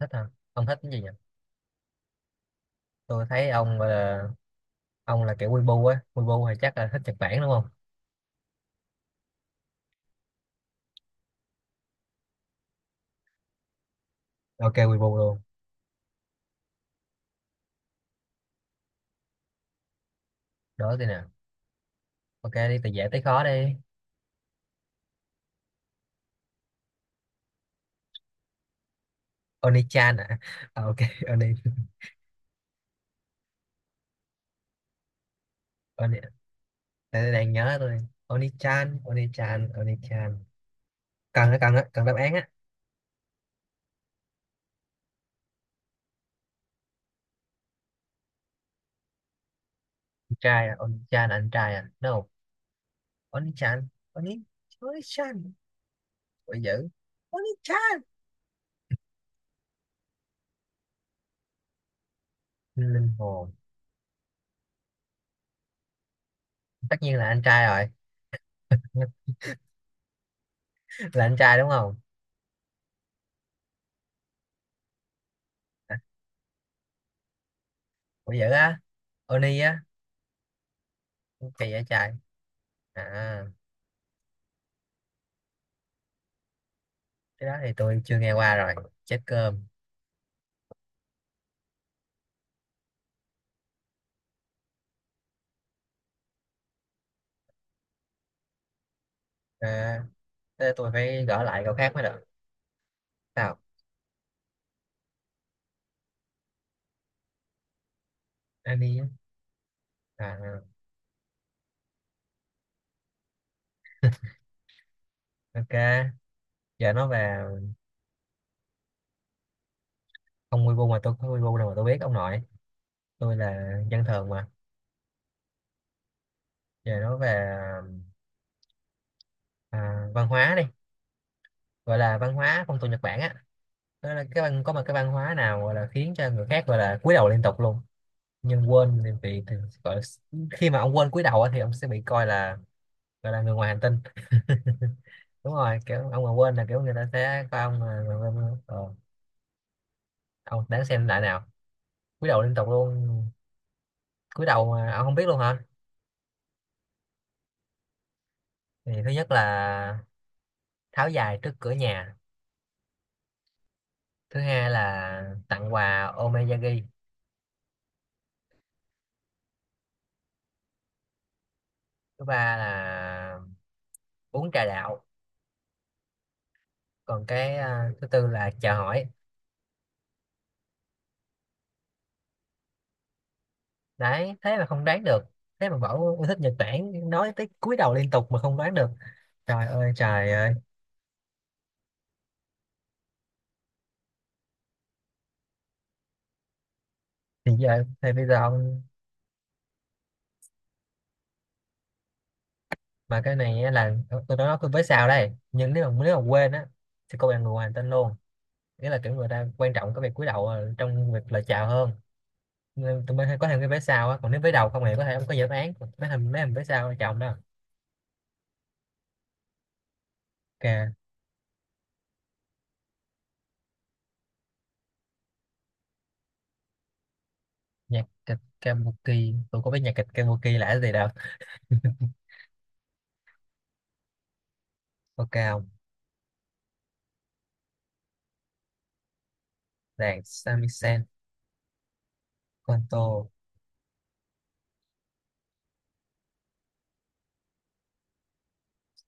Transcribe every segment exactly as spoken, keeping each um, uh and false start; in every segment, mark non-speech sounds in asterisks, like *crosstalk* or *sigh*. Thích hả? Ông thích cái gì vậy? Tôi thấy ông gọi là ông là kiểu Weibo á. Weibo thì chắc là thích Nhật Bản đúng không? Ok, Weibo luôn. Đó thì nè, ok, đi từ dễ tới khó đi. Oni-chan à, *laughs* à ok. Oni. Oni đang, đang nhớ tôi. Oni-chan, Oni-chan, Oni-chan. Cần á, cần á, cần đáp án á. Con trai à? Oni-chan là anh trai à? No. Oni-chan. Oni. Oni-chan. Ôi dữ. Oni-chan. Linh hồn. Tất nhiên là anh trai rồi. *laughs* Là anh trai đúng không? Ủa, dữ á? Oni á? Kỳ vậy trời. À, cái đó thì tôi chưa nghe qua rồi. Chết cơm. À, thế tôi phải gỡ lại câu khác mới được. Sao? Anh đi. À, ok. Giờ nói về ông Weibo, mà tôi không Weibo đâu mà tôi biết ông nội. Tôi là dân thường mà. Giờ nói về à, văn hóa đi. Gọi là văn hóa phong tục Nhật Bản á. Đó là cái văn, có một cái văn hóa nào gọi là khiến cho người khác gọi là cúi đầu liên tục luôn. Nhưng quên thì, vì thì, Gọi là, khi mà ông quên cúi đầu á, thì ông sẽ bị coi là, gọi là người ngoài hành tinh. *laughs* Đúng rồi, kiểu ông mà quên là kiểu người ta sẽ coi ông là người bên ờ, ông đáng xem lại nào. Cúi đầu liên tục luôn. Cúi đầu mà ông không biết luôn hả? Thì thứ nhất là tháo giày trước cửa nhà. Thứ hai là tặng quà omeyagi. Thứ ba là uống trà đạo. Còn cái à, thứ tư là chào hỏi. Đấy, thế mà không đoán được. Thế mà bảo yêu thích Nhật Bản, nói tới cúi đầu liên tục mà không đoán được. Trời ơi, trời ơi. Thì giờ thì bây giờ ông, mà cái này á là tôi nói với sao đây, nhưng nếu mà nếu mà quên á thì cô bạn người ngoài tên luôn. Nghĩa là kiểu người ta quan trọng cái việc cúi đầu ờ, trong việc lời chào hơn. Nên tụi mình hay có thêm cái vé sau á, còn nếu vé đầu không thì có thể không có dự án mấy hình, mấy hình vé sau chồng đó. Ok. Nhạc kịch Kabuki. Tôi có biết nhạc kịch Kabuki là gì đâu. Ok không. Đàn Samisen. Konto.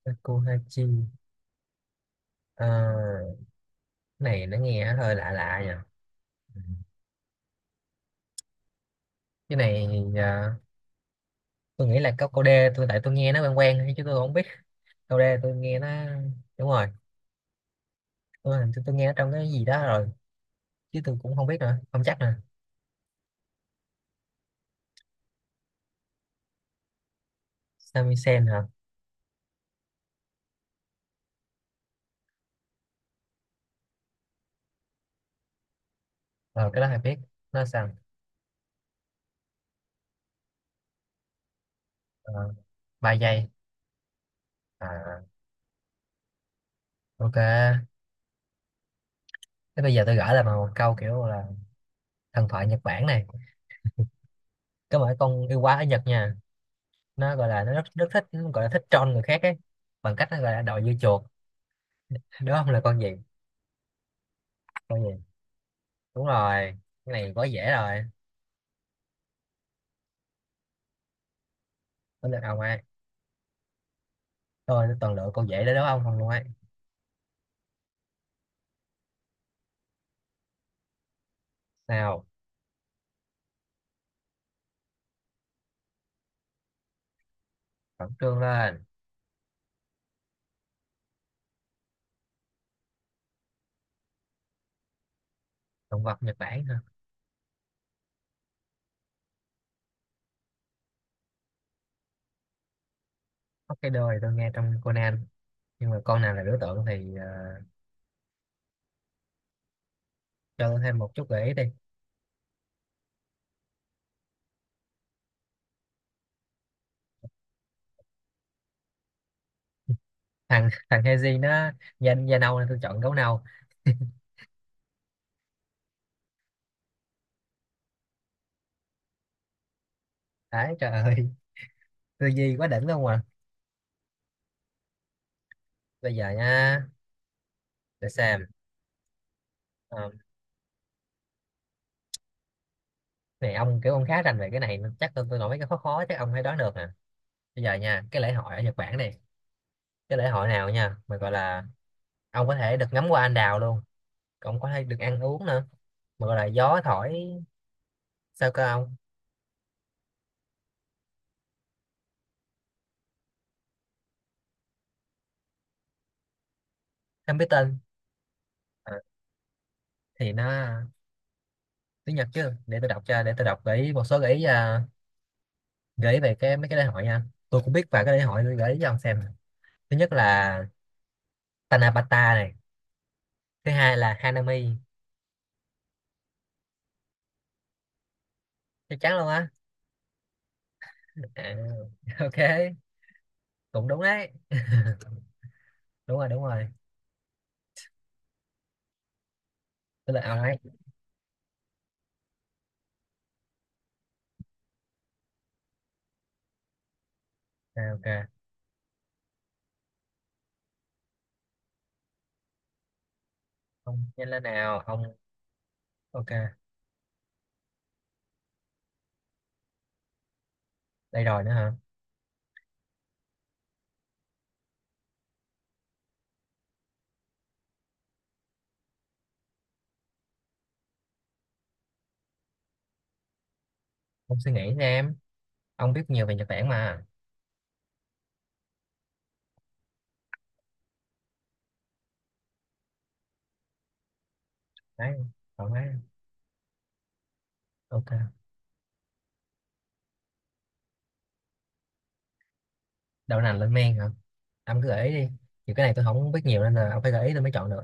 Sakuhachi. Ờ, cái này nó nghe hơi lạ lạ nhỉ. Cái này ờ, tôi nghĩ là có cô d, tôi tại tôi nghe nó quen quen thôi chứ tôi không biết đâu. Đây tôi nghe nó. Đúng rồi, tôi hình như tôi nghe nó trong cái gì đó rồi chứ tôi cũng không biết nữa, không chắc nữa. Sami. Hả? Ờ, cái đó hay biết. Nó sao? Ờ, ba giây. À, ok. Thế bây giờ tôi gửi lại bằng một câu kiểu là thần thoại Nhật Bản này, có một cái con yêu quái ở Nhật nha. Nó gọi là, nó rất rất thích, nó gọi là thích troll người khác ấy, bằng cách nó gọi là đòi dưa chuột. Đúng không? Là con gì? Con gì? Đúng rồi, cái này quá dễ rồi. Có lượt ông ai. Tôi toàn lựa con dễ để đúng ông không luôn ấy. Sao? Khẩn trương lên. Động vật Nhật Bản hả? Hokkaido thì tôi nghe trong Conan, nhưng mà con nào là biểu tượng thì ờ, cho tôi thêm một chút gợi ý đi. Thằng thằng Heiji nó da, da nâu nên tôi chọn gấu nâu. Đấy, trời ơi. *laughs* Tư duy quá đỉnh luôn à. Bây giờ nha, để xem. Ờ, này ông kiểu ông khá rành về cái này nên chắc tôi, tôi nói mấy cái khó khó chắc ông phải đoán được nè. Bây giờ nha, cái lễ hội ở Nhật Bản này, cái lễ hội nào nha mà gọi là ông có thể được ngắm hoa anh đào luôn, ông có thể được ăn uống nữa, mà gọi là gió thổi. Sao cơ ông? Không biết tên. Ờ, thì nó tiếng Nhật chứ, để tôi đọc cho, để tôi đọc gợi ý, một số gợi ý à, gợi ý về cái mấy cái lễ hội nha. Tôi cũng biết vài cái lễ hội, tôi gợi ý cho ông xem nè. Thứ nhất là Tanabata này. Thứ hai là Hanami. Chắc chắn luôn á. À, *laughs* ok. Cũng đúng đấy. *laughs* Đúng rồi, đúng rồi. Tôi là ông ấy. À, ok. Ông nhanh lên nào ông. Ok. Đây rồi nữa hả. Ông suy nghĩ nha em. Ông biết nhiều về Nhật Bản mà. Đấy, ông ấy. Ok. Đậu nành lên men hả? Ông cứ gợi ý đi. Nhiều cái này tôi không biết nhiều nên là ông phải gợi ý tôi mới chọn được.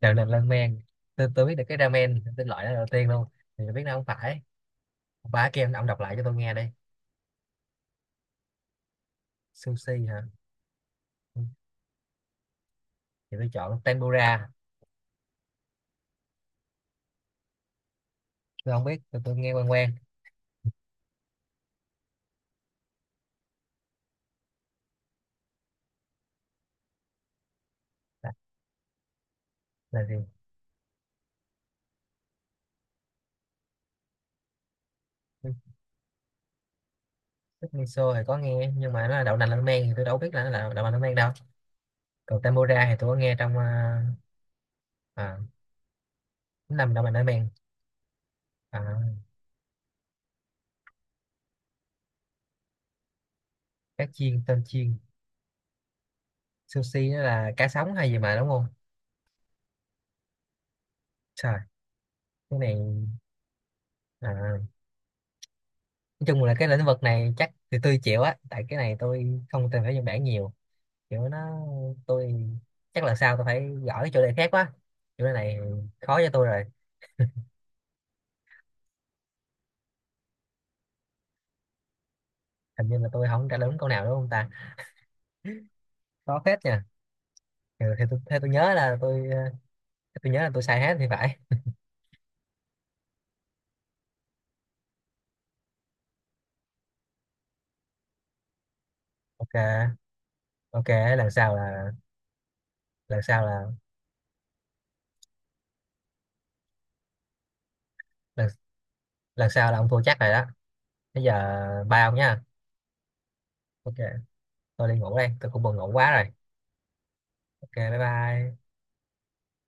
Đợt làm ramen, tôi, tôi biết được cái ramen tên loại đó đầu tiên luôn, thì tôi biết nó không phải. Ba kem ông đọc lại cho tôi nghe đây. Sushi hả? Ừ, thì tôi chọn tempura. Tôi không biết, tôi, tôi nghe quen quen. là, là gì? Ừ, tức miso thì có nghe nhưng mà nó là đậu nành ramen thì tôi đâu biết là nó là đậu nành ramen đâu. Còn tempura thì tôi có nghe trong à, à, nó nằm đậu nành ramen. À, cá chiên tôm chiên. Sushi nó là cá sống hay gì mà đúng không? Trời, cái này à, nói chung là cái lĩnh vực này chắc thì tôi chịu á, tại cái này tôi không tìm hiểu Nhật Bản nhiều. Kiểu nó, tôi chắc là sau tôi phải gõ cái chủ đề khác quá. Chủ đề này khó cho tôi rồi. Hình như là tôi không trả lời đúng câu nào đúng không ta? Khó phết nha. Thì, thì, tôi, theo tôi nhớ là tôi ờ, theo tôi nhớ là tôi sai hết thì phải. Ok, ok. Lần sau là, lần sau là, lần, lần sau là ông thua chắc rồi đó. Bây giờ bye ông nha. Ok, tôi đi ngủ đây, tôi cũng buồn ngủ quá rồi. Ok, bye bye.